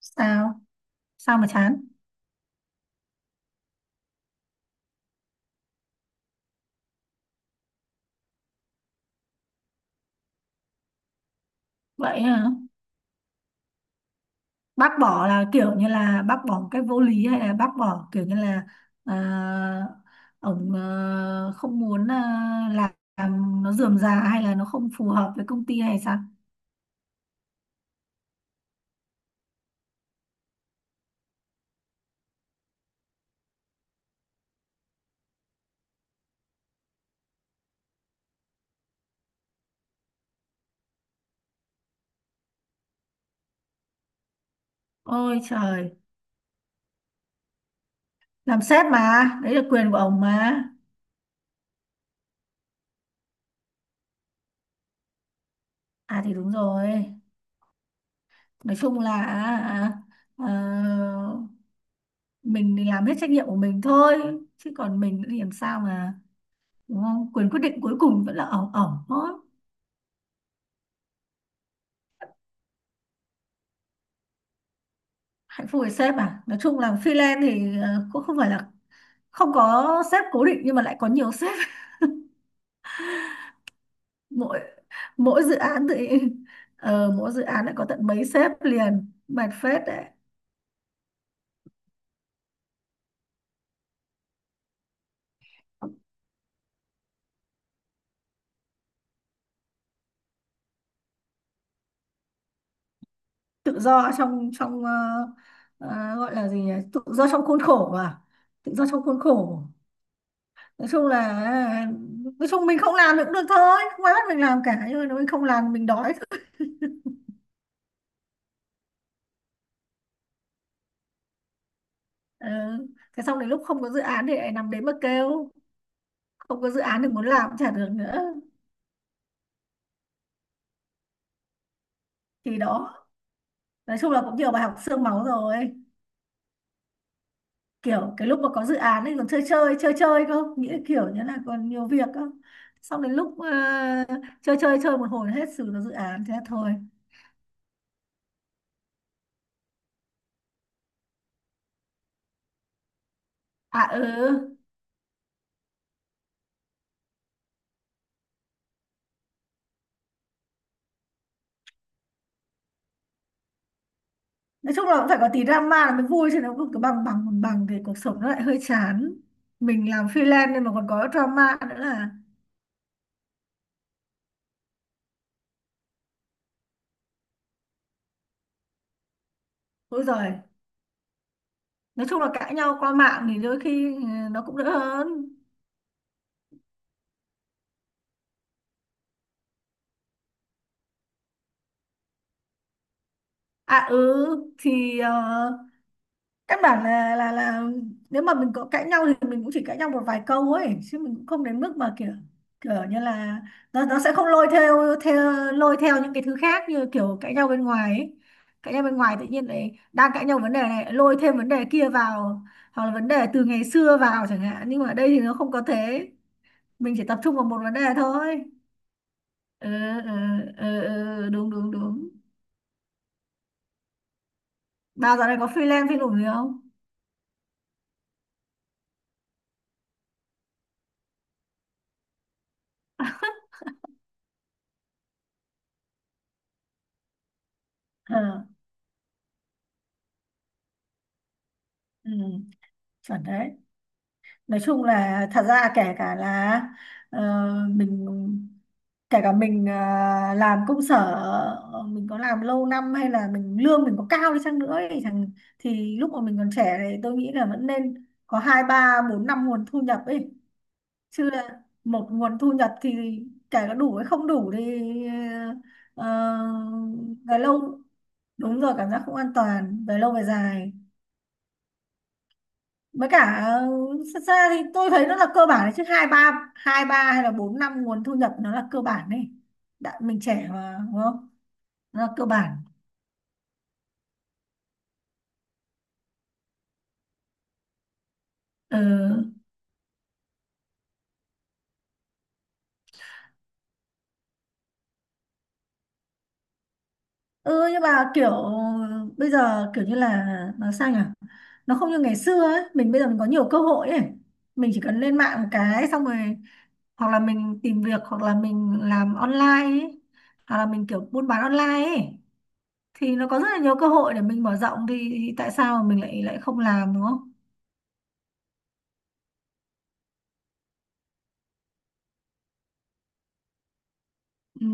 Sao sao mà chán? Vậy hả? Bác bỏ là kiểu như là bác bỏ một cách vô lý, hay là bác bỏ kiểu như là, à, ông không muốn, làm nó rườm rà, hay là nó không phù hợp với công ty hay sao? Ôi trời, làm sếp mà, đấy là quyền của ông mà. À thì đúng rồi, nói chung là, ờ, mình thì làm hết trách nhiệm của mình thôi, chứ còn mình thì làm sao mà, đúng không? Quyền quyết định cuối cùng vẫn là ổng ổng thôi. Hạnh phúc với sếp à, nói chung là freelance thì cũng không phải là không có sếp cố định, nhưng mà lại có nhiều sếp. mỗi mỗi dự án thì, mỗi dự án lại có tận mấy sếp liền, mệt phết đấy. Tự do trong trong, gọi là gì nhỉ, tự do trong khuôn khổ mà, tự do trong khuôn khổ. Nói chung là, nói chung mình không làm thì cũng được thôi, không ai bắt mình làm cả, nhưng mà nếu mình không làm mình đói. Ờ, thế xong đến lúc không có dự án thì lại nằm đấy mà kêu, không có dự án thì muốn làm cũng chả được nữa. Thì đó, nói chung là cũng nhiều bài học xương máu rồi. Kiểu cái lúc mà có dự án ấy còn chơi chơi chơi chơi không nghĩa, kiểu như là còn nhiều việc cơ, xong đến lúc chơi chơi chơi một hồi hết, xử được dự án thế thôi. À ừ, nói chung là cũng phải có tí drama là mới vui, chứ nó cứ cứ bằng bằng bằng bằng thì cuộc sống nó lại hơi chán. Mình làm freelance nên mà còn có drama nữa là. Ôi giời, nói chung là cãi nhau qua mạng thì đôi khi, ừ, nó cũng đỡ hơn. À ừ, thì căn bản là nếu mà mình có cãi nhau thì mình cũng chỉ cãi nhau một vài câu ấy, chứ mình cũng không đến mức mà kiểu, kiểu như là, nó sẽ không lôi theo những cái thứ khác như kiểu cãi nhau bên ngoài ấy. Cãi nhau bên ngoài tự nhiên lại đang cãi nhau vấn đề này lôi thêm vấn đề kia vào, hoặc là vấn đề từ ngày xưa vào chẳng hạn, nhưng mà ở đây thì nó không có thế. Mình chỉ tập trung vào một vấn đề thôi. Ừ, ừ, ừ, ừ, đúng đúng đúng. Bà dạo này có freelance phim nổi gì không? Ờ, ừ, chuẩn đấy. Nói chung là, thật ra kể cả là ờ, mình, kể cả mình làm công sở, mình có làm lâu năm hay là mình lương mình có cao đi chăng nữa ấy, chẳng, thì lúc mà mình còn trẻ thì tôi nghĩ là vẫn nên có hai ba bốn năm nguồn thu nhập ấy, chứ là một nguồn thu nhập thì, kể cả đủ hay không đủ thì, ờ, về lâu, đúng rồi, cảm giác không an toàn về lâu về dài. Với cả xa xa thì tôi thấy nó là cơ bản đấy, chứ hai ba hay là bốn năm nguồn thu nhập nó là cơ bản đấy. Đã mình trẻ mà, đúng không? Nó là cơ bản. Ừ. Ừ, nhưng mà kiểu bây giờ kiểu như là, nó sao nhỉ, nó không như ngày xưa ấy, mình bây giờ mình có nhiều cơ hội ấy. Mình chỉ cần lên mạng một cái xong rồi, hoặc là mình tìm việc, hoặc là mình làm online ấy, hoặc là mình kiểu buôn bán online ấy, thì nó có rất là nhiều cơ hội để mình mở rộng thì, tại sao mà mình lại lại không làm, đúng không? Ừ.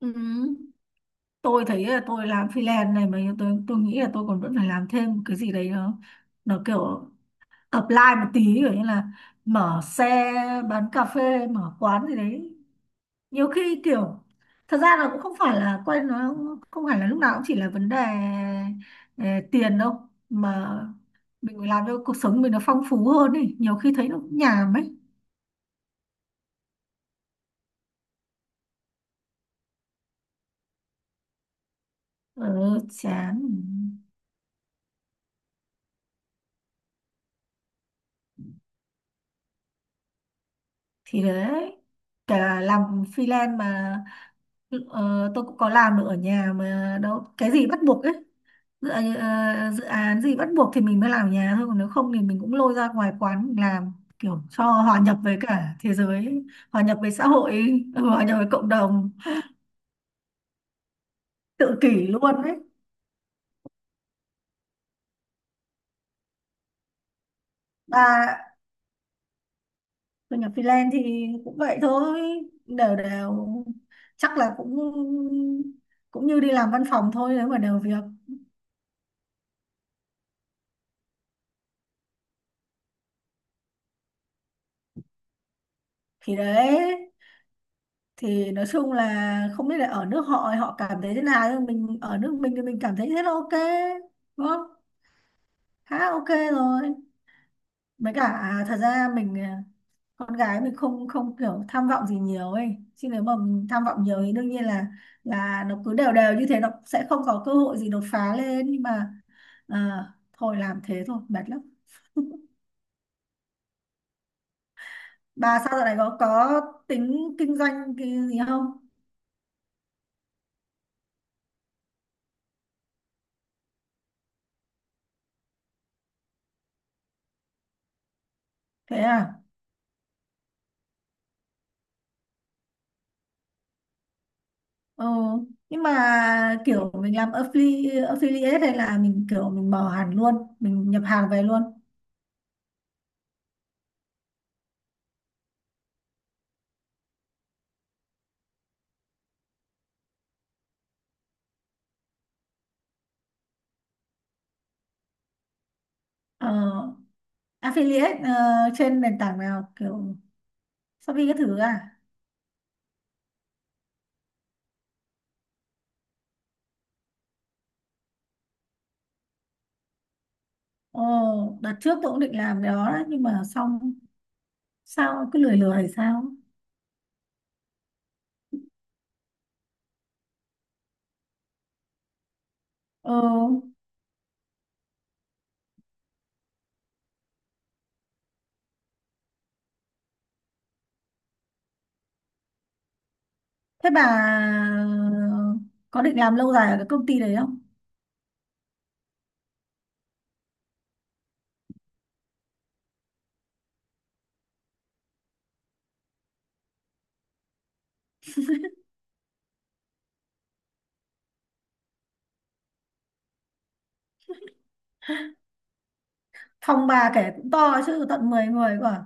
Ừ. Tôi thấy là tôi làm freelance này mà tôi nghĩ là tôi còn vẫn phải làm thêm cái gì đấy, nó kiểu apply một tí, kiểu như là mở xe bán cà phê, mở quán gì đấy. Nhiều khi kiểu, thật ra là cũng không phải là quen, nó không phải là lúc nào cũng chỉ là vấn đề ờ, tiền đâu, mà mình phải làm cho cuộc sống mình nó phong phú hơn ý, nhiều khi thấy nó cũng nhàm ấy. Ờ, chán. Thì đấy, kể cả làm freelance mà, tôi cũng có làm được ở nhà mà đâu cái gì bắt buộc ấy. dự, ờ, Dự án gì bắt buộc thì mình mới làm ở nhà thôi, còn nếu không thì mình cũng lôi ra ngoài quán mình làm, kiểu cho hòa nhập với cả thế giới. Hòa nhập với xã hội hòa nhập với cộng đồng. Tự kỷ luôn đấy. Và thu nhập freelance thì cũng vậy thôi, đều đều, chắc là cũng cũng như đi làm văn phòng thôi, nếu mà đều việc. Thì đấy, thì nói chung là không biết là ở nước họ họ cảm thấy thế nào, nhưng mình ở nước mình thì mình cảm thấy thế là ok, đúng không? Khá ok rồi. Với cả, thật ra mình, con gái mình không không kiểu tham vọng gì nhiều ấy, chứ nếu mà mình tham vọng nhiều thì đương nhiên là nó cứ đều đều như thế, nó sẽ không có cơ hội gì đột phá lên, nhưng mà à, thôi làm thế thôi, mệt lắm. Bà sao dạo này có tính kinh doanh cái gì không? Thế à? Ờ, nhưng mà kiểu mình làm affiliate hay là mình kiểu mình mở hẳn luôn, mình nhập hàng về luôn. Ờ, affiliate trên nền tảng nào kiểu Shopee cái thứ à? Ồ, đợt trước tôi cũng định làm cái đó đấy, nhưng mà xong sao cứ lười lười hay sao? Ờ, thế bà có định làm lâu dài ở cái công ty đấy không? Phòng bà kể cũng to, chứ tận 10 người cơ à?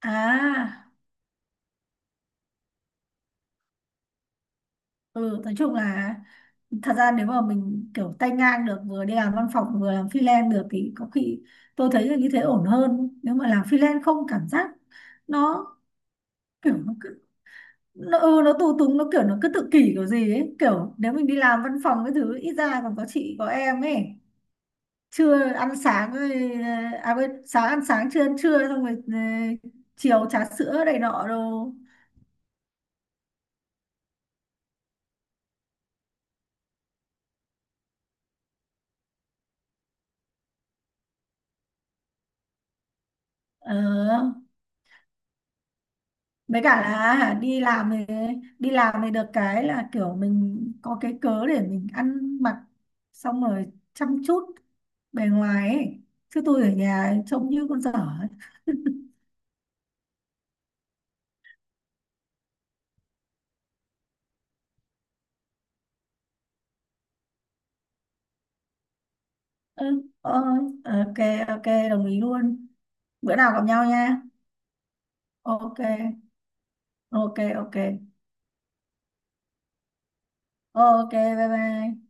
À, ừ, nói chung là, thật ra nếu mà mình kiểu tay ngang được, vừa đi làm văn phòng vừa làm freelance được thì có khi tôi thấy là như thế ổn hơn, nếu mà làm freelance không, cảm giác nó kiểu, nó cứ, nó tù túng, nó cứ tự kỷ kiểu gì ấy, kiểu nếu mình đi làm văn phòng cái thứ ít ra còn có chị có em ấy, trưa ăn sáng rồi, à quên, sáng ăn sáng, trưa ăn trưa, xong rồi chiều trà sữa này nọ đồ. Ờ. Với cả là đi làm thì được cái là kiểu mình có cái cớ để mình ăn mặc, xong rồi chăm chút bề ngoài ấy. Chứ tôi ở nhà trông như con dở ấy. Ừ, ok ok, đồng ý luôn. Bữa nào gặp nhau nha. Ok, ok, ok, ok, bye bye.